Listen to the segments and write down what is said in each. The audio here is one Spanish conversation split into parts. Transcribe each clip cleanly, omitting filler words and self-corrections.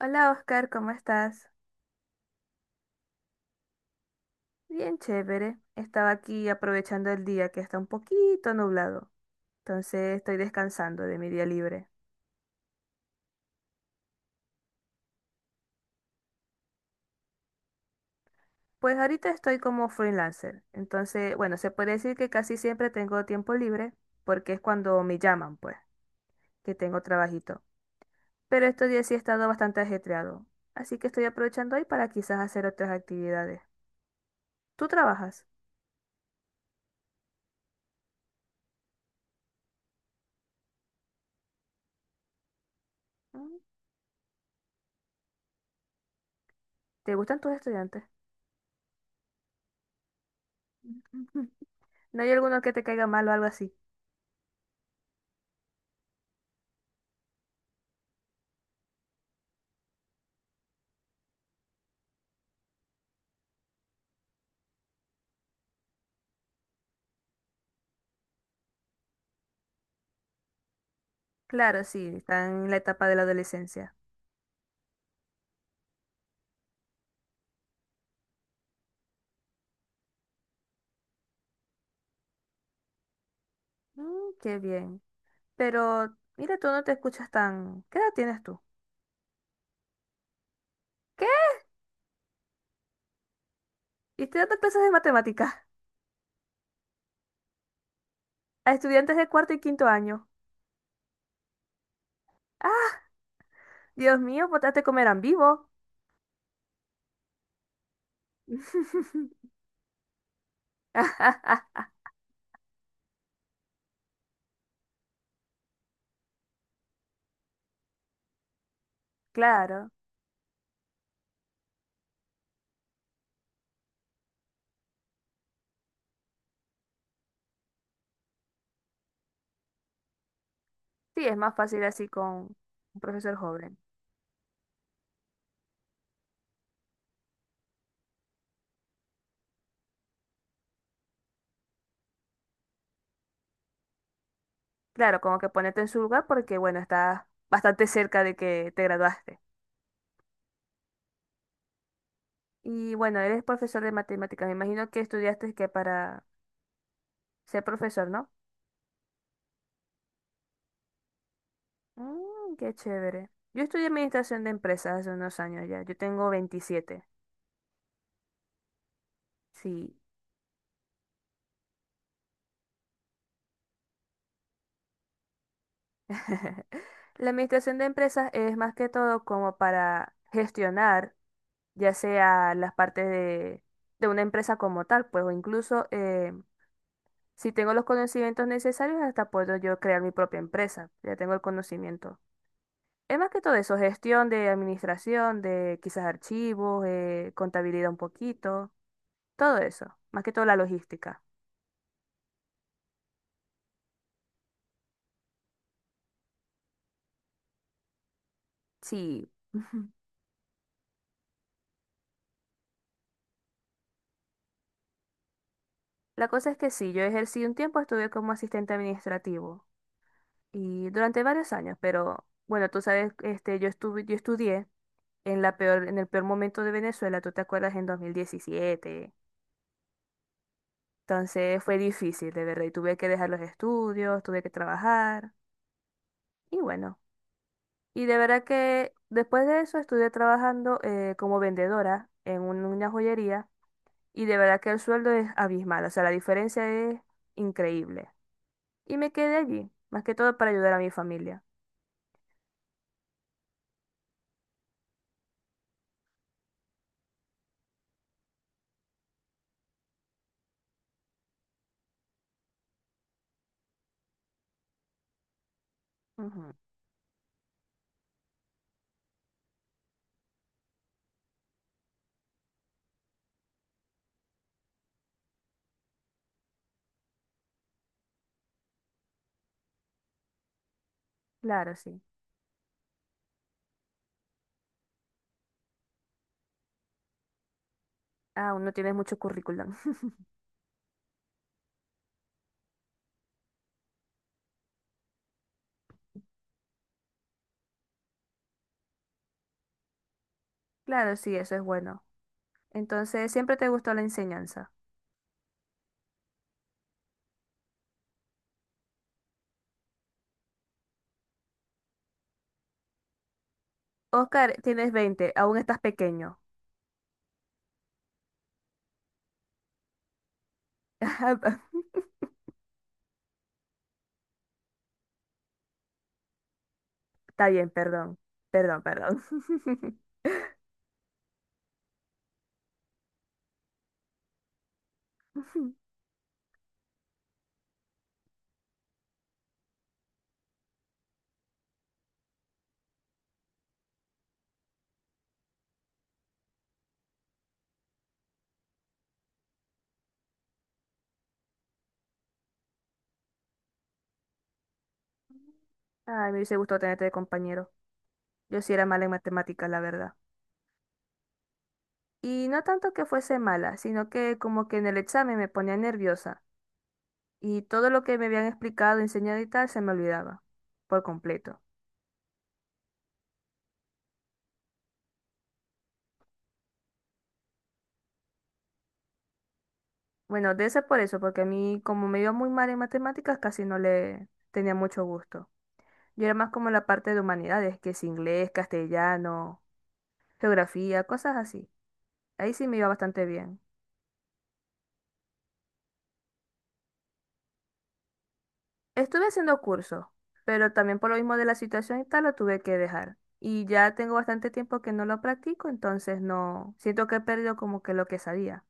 Hola Oscar, ¿cómo estás? Bien chévere. Estaba aquí aprovechando el día que está un poquito nublado. Entonces estoy descansando de mi día libre. Pues ahorita estoy como freelancer. Entonces, bueno, se puede decir que casi siempre tengo tiempo libre porque es cuando me llaman, pues, que tengo trabajito. Pero estos días sí he estado bastante ajetreado. Así que estoy aprovechando hoy para quizás hacer otras actividades. ¿Tú trabajas? Mm, ¿te gustan tus estudiantes? ¿No hay alguno que te caiga mal o algo así? Claro, sí, están en la etapa de la adolescencia. Mm, qué bien. Pero mira, tú no te escuchas tan... ¿Qué edad tienes tú? ¿Qué? Y estoy dando clases de matemáticas a estudiantes de cuarto y quinto año. Ah, Dios mío, potaste comerán vivo. Claro. Sí, es más fácil así con un profesor joven. Claro, como que ponerte en su lugar porque, bueno, estás bastante cerca de que te graduaste. Y bueno, eres profesor de matemáticas. Me imagino que estudiaste que para ser profesor, ¿no? Mm, qué chévere. Yo estudié administración de empresas hace unos años ya. Yo tengo 27. Sí. La administración de empresas es más que todo como para gestionar, ya sea las partes de una empresa como tal, pues, o incluso si tengo los conocimientos necesarios, hasta puedo yo crear mi propia empresa. Ya tengo el conocimiento. Es más que todo eso, gestión de administración, de quizás archivos, contabilidad un poquito, todo eso. Más que todo la logística. Sí. La cosa es que sí, yo ejercí un tiempo, estuve como asistente administrativo y durante varios años, pero bueno, tú sabes, este, yo estudié en la peor, en el peor momento de Venezuela, tú te acuerdas, en 2017. Entonces fue difícil, de verdad, y tuve que dejar los estudios, tuve que trabajar y bueno. Y de verdad que después de eso estuve trabajando como vendedora en una joyería y de verdad que el sueldo es abismal, o sea, la diferencia es increíble. Y me quedé allí, más que todo para ayudar a mi familia. Ujú, claro, sí. Aún no tienes mucho currículum. Claro, sí, eso es bueno. Entonces, siempre te gustó la enseñanza. Oscar, tienes 20, aún estás pequeño. Está bien, perdón. Perdón, perdón. Ay, me hubiese gustado tenerte de compañero. Yo sí era mala en matemáticas, la verdad. Y no tanto que fuese mala, sino que como que en el examen me ponía nerviosa y todo lo que me habían explicado, enseñado y tal se me olvidaba por completo. Bueno, de ese por eso, porque a mí como me iba muy mal en matemáticas casi no le tenía mucho gusto. Yo era más como la parte de humanidades, que es inglés, castellano, geografía, cosas así. Ahí sí me iba bastante bien. Estuve haciendo cursos, pero también por lo mismo de la situación y tal lo tuve que dejar. Y ya tengo bastante tiempo que no lo practico, entonces no siento que he perdido como que lo que sabía.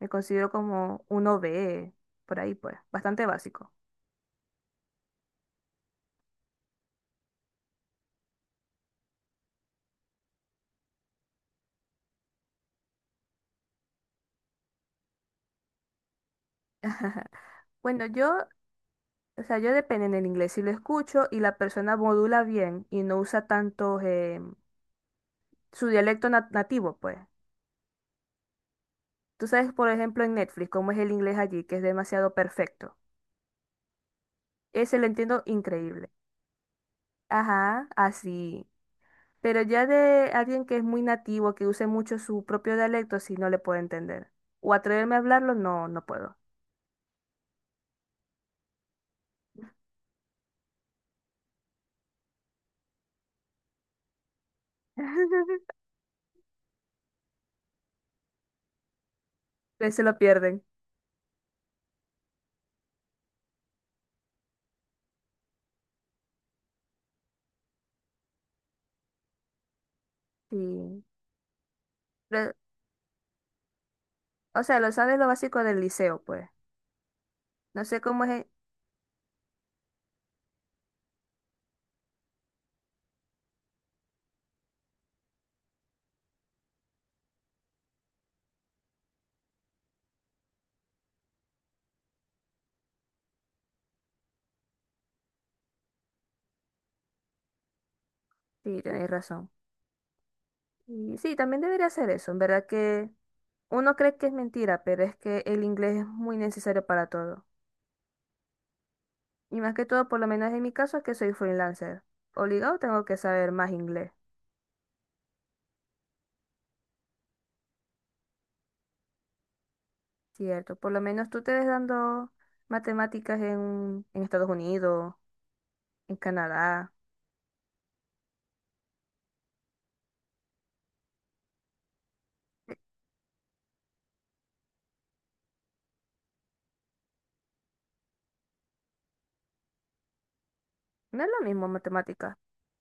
Me considero como un OBE, por ahí pues, bastante básico. Bueno, yo, o sea, yo depende en el inglés. Si lo escucho y la persona modula bien y no usa tanto su dialecto nativo, pues. Tú sabes, por ejemplo, en Netflix, cómo es el inglés allí, que es demasiado perfecto. Ese lo entiendo increíble. Ajá, así. Pero ya de alguien que es muy nativo, que use mucho su propio dialecto, sí no le puedo entender. O atreverme a hablarlo, no, no puedo. Pues se lo pierden. Sí. Pero, o sea, lo sabes lo básico del liceo, pues. No sé cómo es. Sí, tenéis razón. Y sí, también debería hacer eso. En verdad que uno cree que es mentira, pero es que el inglés es muy necesario para todo. Y más que todo, por lo menos en mi caso, que soy freelancer. Obligado tengo que saber más inglés. Cierto, por lo menos tú te ves dando matemáticas en Estados Unidos, en Canadá. No es lo mismo matemáticas.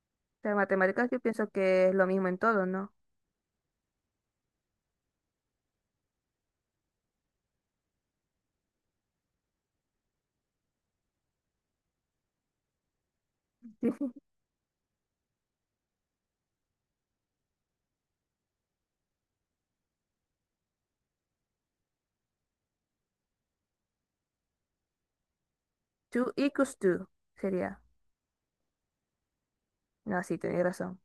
O sea, matemáticas yo pienso que es lo mismo en todo, ¿no? Two equals two sería. No, sí, tenéis razón.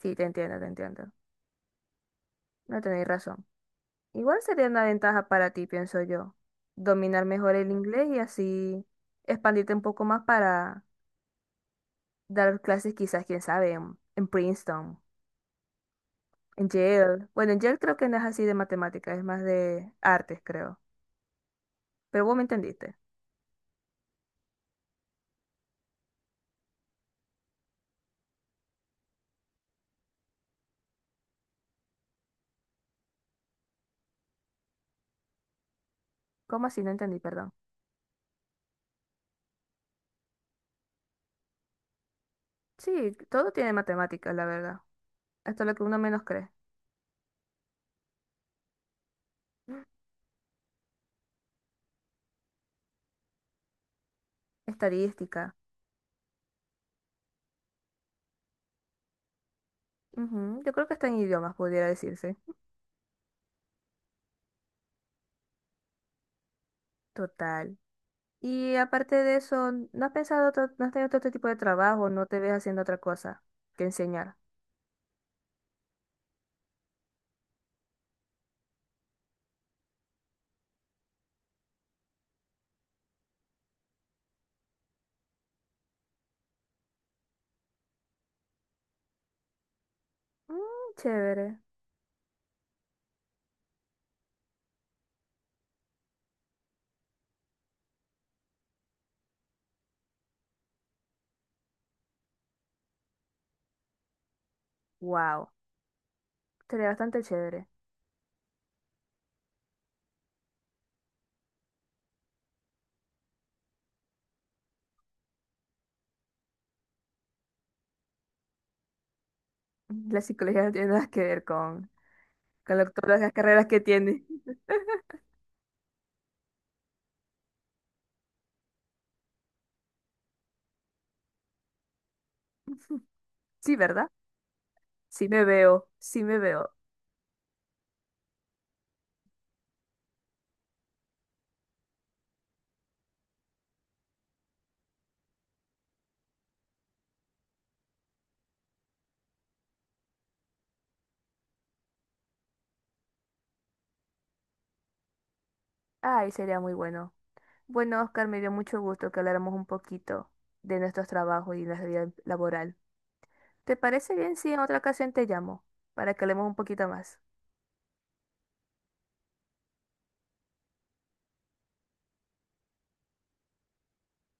Sí, te entiendo, te entiendo. No tenéis razón. Igual sería una ventaja para ti, pienso yo. Dominar mejor el inglés y así expandirte un poco más para dar clases quizás, quién sabe, en Princeton. En Yale. Bueno, en Yale creo que no es así de matemáticas, es más de artes, creo. Pero vos me entendiste. ¿Cómo así? No entendí, perdón. Sí, todo tiene matemáticas, la verdad. Hasta lo que uno menos cree. Estadística. Ujú, yo creo que está en idiomas, pudiera decirse. Total. Y aparte de eso, ¿ no has tenido otro tipo de trabajo? ¿No te ves haciendo otra cosa que enseñar? Mm, chévere. Wow. Sería bastante chévere. La psicología no tiene nada que ver con, con todas las carreras que tiene. Sí, ¿verdad? Sí me veo, sí me veo. Ay, sería muy bueno. Bueno, Oscar, me dio mucho gusto que habláramos un poquito de nuestros trabajos y nuestra vida laboral. ¿Te parece bien si en otra ocasión te llamo para que hablemos un poquito más?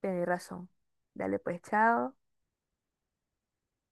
Tienes razón. Dale pues, chao.